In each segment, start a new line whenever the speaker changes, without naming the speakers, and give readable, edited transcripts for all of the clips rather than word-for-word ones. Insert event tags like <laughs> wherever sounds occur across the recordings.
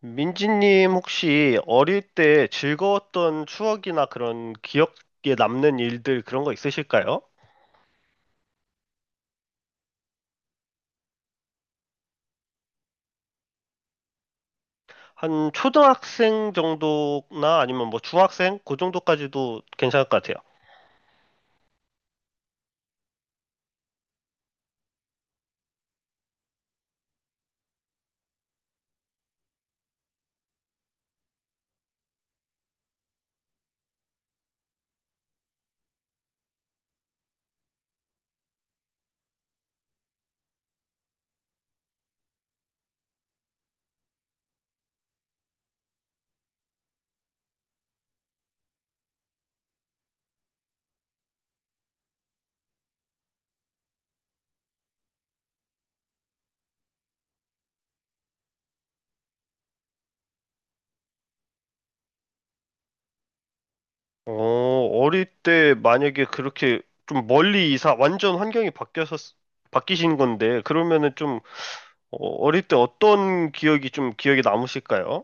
민지님, 혹시 어릴 때 즐거웠던 추억이나 그런 기억에 남는 일들, 그런 거 있으실까요? 한 초등학생 정도나 아니면 뭐 중학생? 그 정도까지도 괜찮을 것 같아요. 어, 어릴 때 만약에 그렇게 좀 멀리 이사, 완전 환경이 바뀌어서, 바뀌신 건데, 그러면은 좀 어, 어릴 때 어떤 기억이 좀 기억에 남으실까요?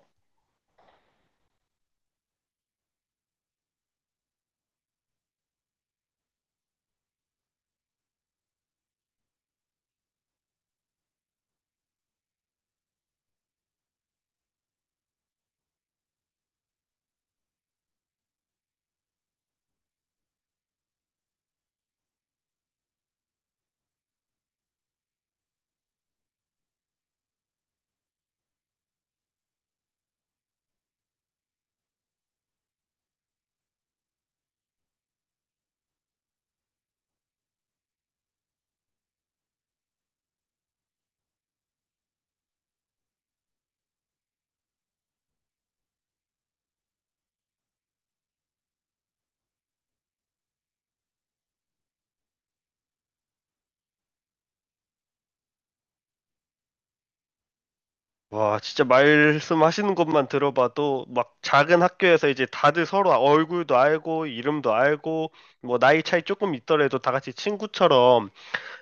와, 진짜 말씀하시는 것만 들어봐도 막 작은 학교에서 이제 다들 서로 얼굴도 알고 이름도 알고, 뭐 나이 차이 조금 있더라도 다 같이 친구처럼,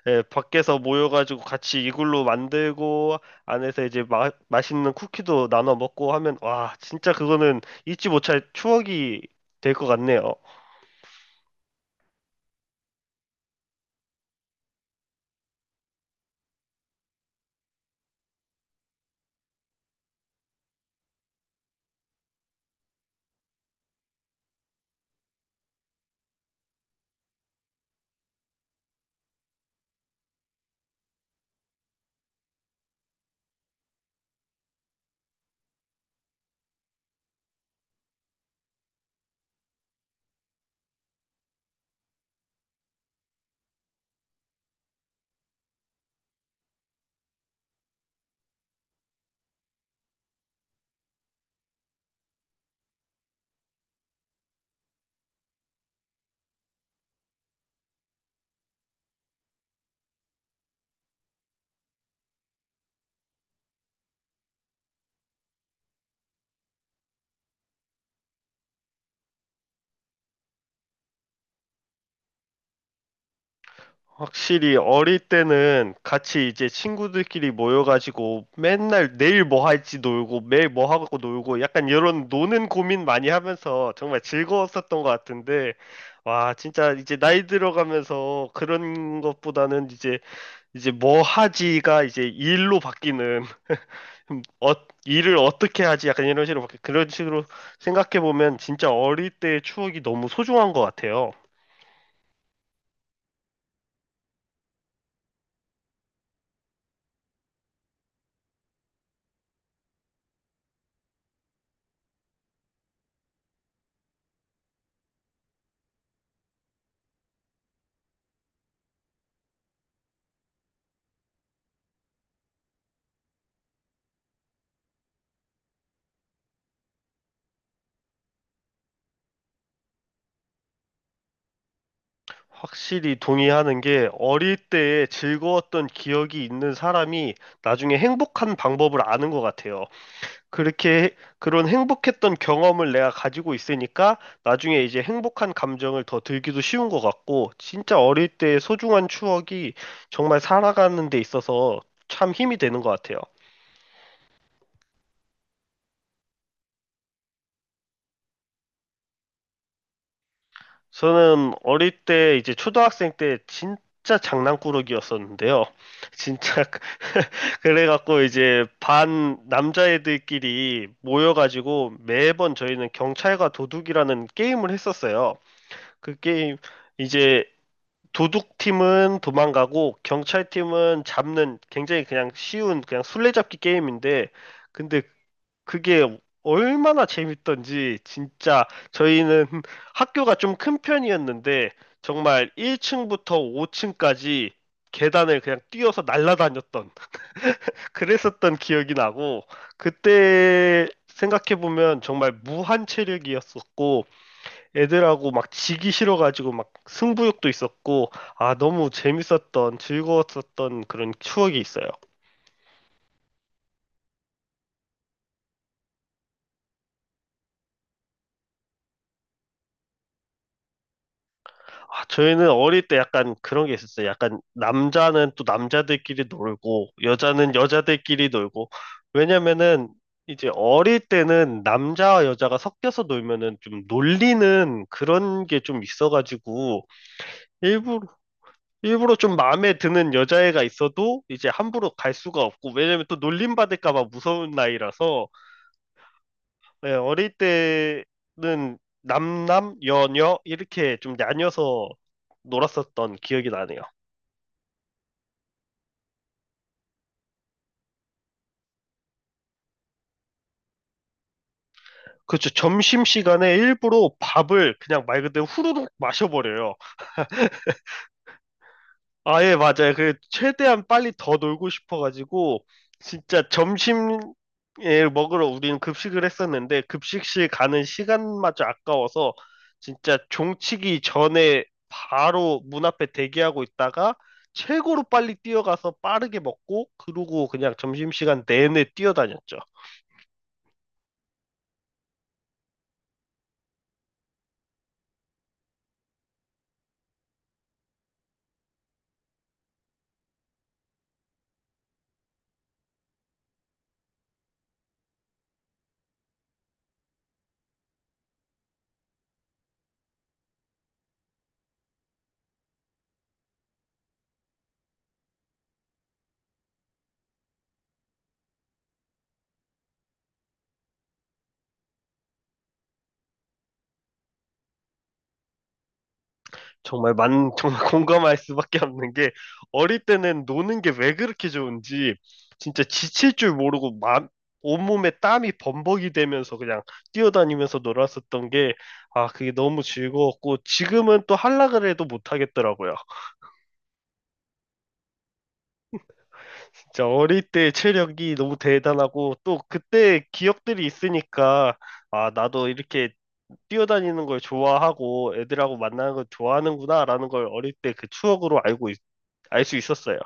예, 밖에서 모여가지고 같이 이글루 만들고 안에서 이제 맛있는 쿠키도 나눠 먹고 하면, 와, 진짜 그거는 잊지 못할 추억이 될 것 같네요. 확실히 어릴 때는 같이 이제 친구들끼리 모여가지고 맨날 내일 뭐 할지 놀고 매일 뭐 하고 놀고 약간 이런 노는 고민 많이 하면서 정말 즐거웠었던 것 같은데, 와, 진짜 이제 나이 들어가면서 그런 것보다는 이제 이제 뭐 하지가 이제 일로 바뀌는 <laughs> 어, 일을 어떻게 하지 약간 이런 식으로 바뀌 그런 식으로 생각해 보면 진짜 어릴 때의 추억이 너무 소중한 것 같아요. 확실히 동의하는 게, 어릴 때에 즐거웠던 기억이 있는 사람이 나중에 행복한 방법을 아는 것 같아요. 그렇게 그런 행복했던 경험을 내가 가지고 있으니까 나중에 이제 행복한 감정을 더 들기도 쉬운 것 같고, 진짜 어릴 때의 소중한 추억이 정말 살아가는 데 있어서 참 힘이 되는 것 같아요. 저는 어릴 때 이제 초등학생 때 진짜 장난꾸러기였었는데요. <laughs> 진짜 그- <laughs> 그래갖고 이제 반 남자애들끼리 모여가지고 매번 저희는 경찰과 도둑이라는 게임을 했었어요. 그 게임 이제 도둑팀은 도망가고 경찰팀은 잡는 굉장히 그냥 쉬운 그냥 술래잡기 게임인데, 근데 그게 얼마나 재밌던지, 진짜 저희는 <laughs> 학교가 좀 큰 편이었는데 정말 1층부터 5층까지 계단을 그냥 뛰어서 날아다녔던, 그랬었던 기억이 나고, 그때 생각해보면 정말 무한 체력이었었고, 애들하고 막 지기 싫어가지고 막 승부욕도 있었고, 아 너무 재밌었던 즐거웠었던 그런 추억이 있어요. 아, 저희는 어릴 때 약간 그런 게 있었어요. 약간 남자는 또 남자들끼리 놀고, 여자는 여자들끼리 놀고. 왜냐면은 이제 어릴 때는 남자와 여자가 섞여서 놀면은 좀 놀리는 그런 게 좀 있어가지고, 일부러, 일부러 좀 마음에 드는 여자애가 있어도 이제 함부로 갈 수가 없고, 왜냐면 또 놀림 받을까 봐 무서운 나이라서, 예, 어릴 때는 남남, 여녀 이렇게 좀 나뉘어서 놀았었던 기억이 나네요. 그렇죠. 점심시간에 일부러 밥을 그냥 말 그대로 후루룩 마셔버려요. 아, 예, 맞아요. 그, 최대한 빨리 더 놀고 싶어가지고, 진짜 점심에 먹으러 우리는 급식을 했었는데, 급식실 가는 시간마저 아까워서, 진짜 종치기 전에 바로 문 앞에 대기하고 있다가 최고로 빨리 뛰어가서 빠르게 먹고, 그러고 그냥 점심시간 내내 뛰어다녔죠. 정말 만 <laughs> 정말 공감할 수밖에 없는 게, 어릴 때는 노는 게 왜 그렇게 좋은지, 진짜 지칠 줄 모르고, 온몸에 땀이 범벅이 되면서 그냥 뛰어다니면서 놀았었던 게, 아 그게 너무 즐거웠고, 지금은 또 하려 그래도 못 하겠더라고요. 진짜 어릴 때 체력이 너무 대단하고, 또 그때 기억들이 있으니까 아 나도 이렇게 뛰어다니는 걸 좋아하고 애들하고 만나는 걸 좋아하는구나라는 걸 어릴 때 그 추억으로 알고, 알 수 있었어요.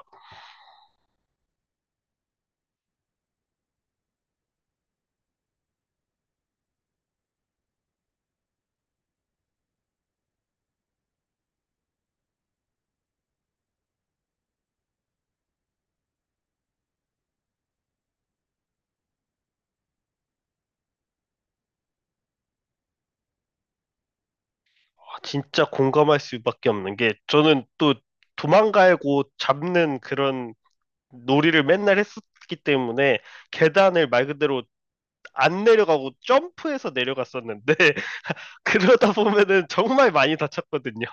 아, 진짜 공감할 수밖에 없는 게, 저는 또 도망가고 잡는 그런 놀이를 맨날 했었기 때문에 계단을 말 그대로 안 내려가고 점프해서 내려갔었는데 <laughs> 그러다 보면은 정말 많이 다쳤거든요.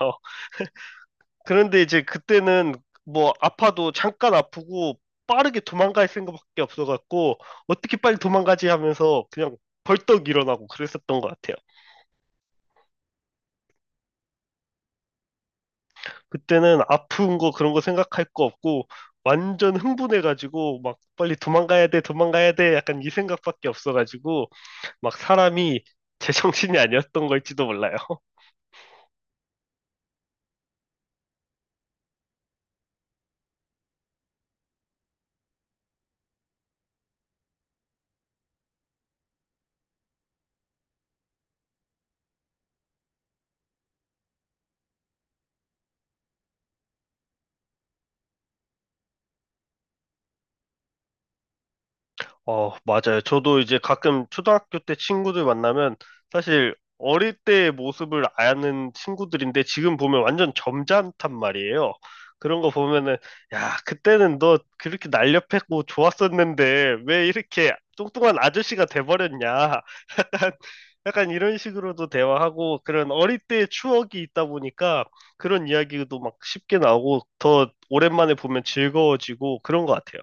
그런데 이제 그때는 뭐 아파도 잠깐 아프고 빠르게 도망갈 생각밖에 없어갖고 어떻게 빨리 도망가지 하면서 그냥 벌떡 일어나고 그랬었던 것 같아요. 그때는 아픈 거 그런 거 생각할 거 없고, 완전 흥분해가지고 막 빨리 도망가야 돼, 도망가야 돼, 약간 이 생각밖에 없어가지고 막 사람이 제정신이 아니었던 걸지도 몰라요. 어, 맞아요. 저도 이제 가끔 초등학교 때 친구들 만나면 사실 어릴 때의 모습을 아는 친구들인데 지금 보면 완전 점잖단 말이에요. 그런 거 보면은 야, 그때는 너 그렇게 날렵했고 좋았었는데 왜 이렇게 뚱뚱한 아저씨가 돼버렸냐. <laughs> 약간, 약간 이런 식으로도 대화하고, 그런 어릴 때의 추억이 있다 보니까 그런 이야기도 막 쉽게 나오고 더 오랜만에 보면 즐거워지고 그런 것 같아요.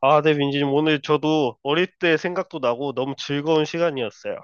아, 네, 민지님, 오늘 저도 어릴 때 생각도 나고 너무 즐거운 시간이었어요.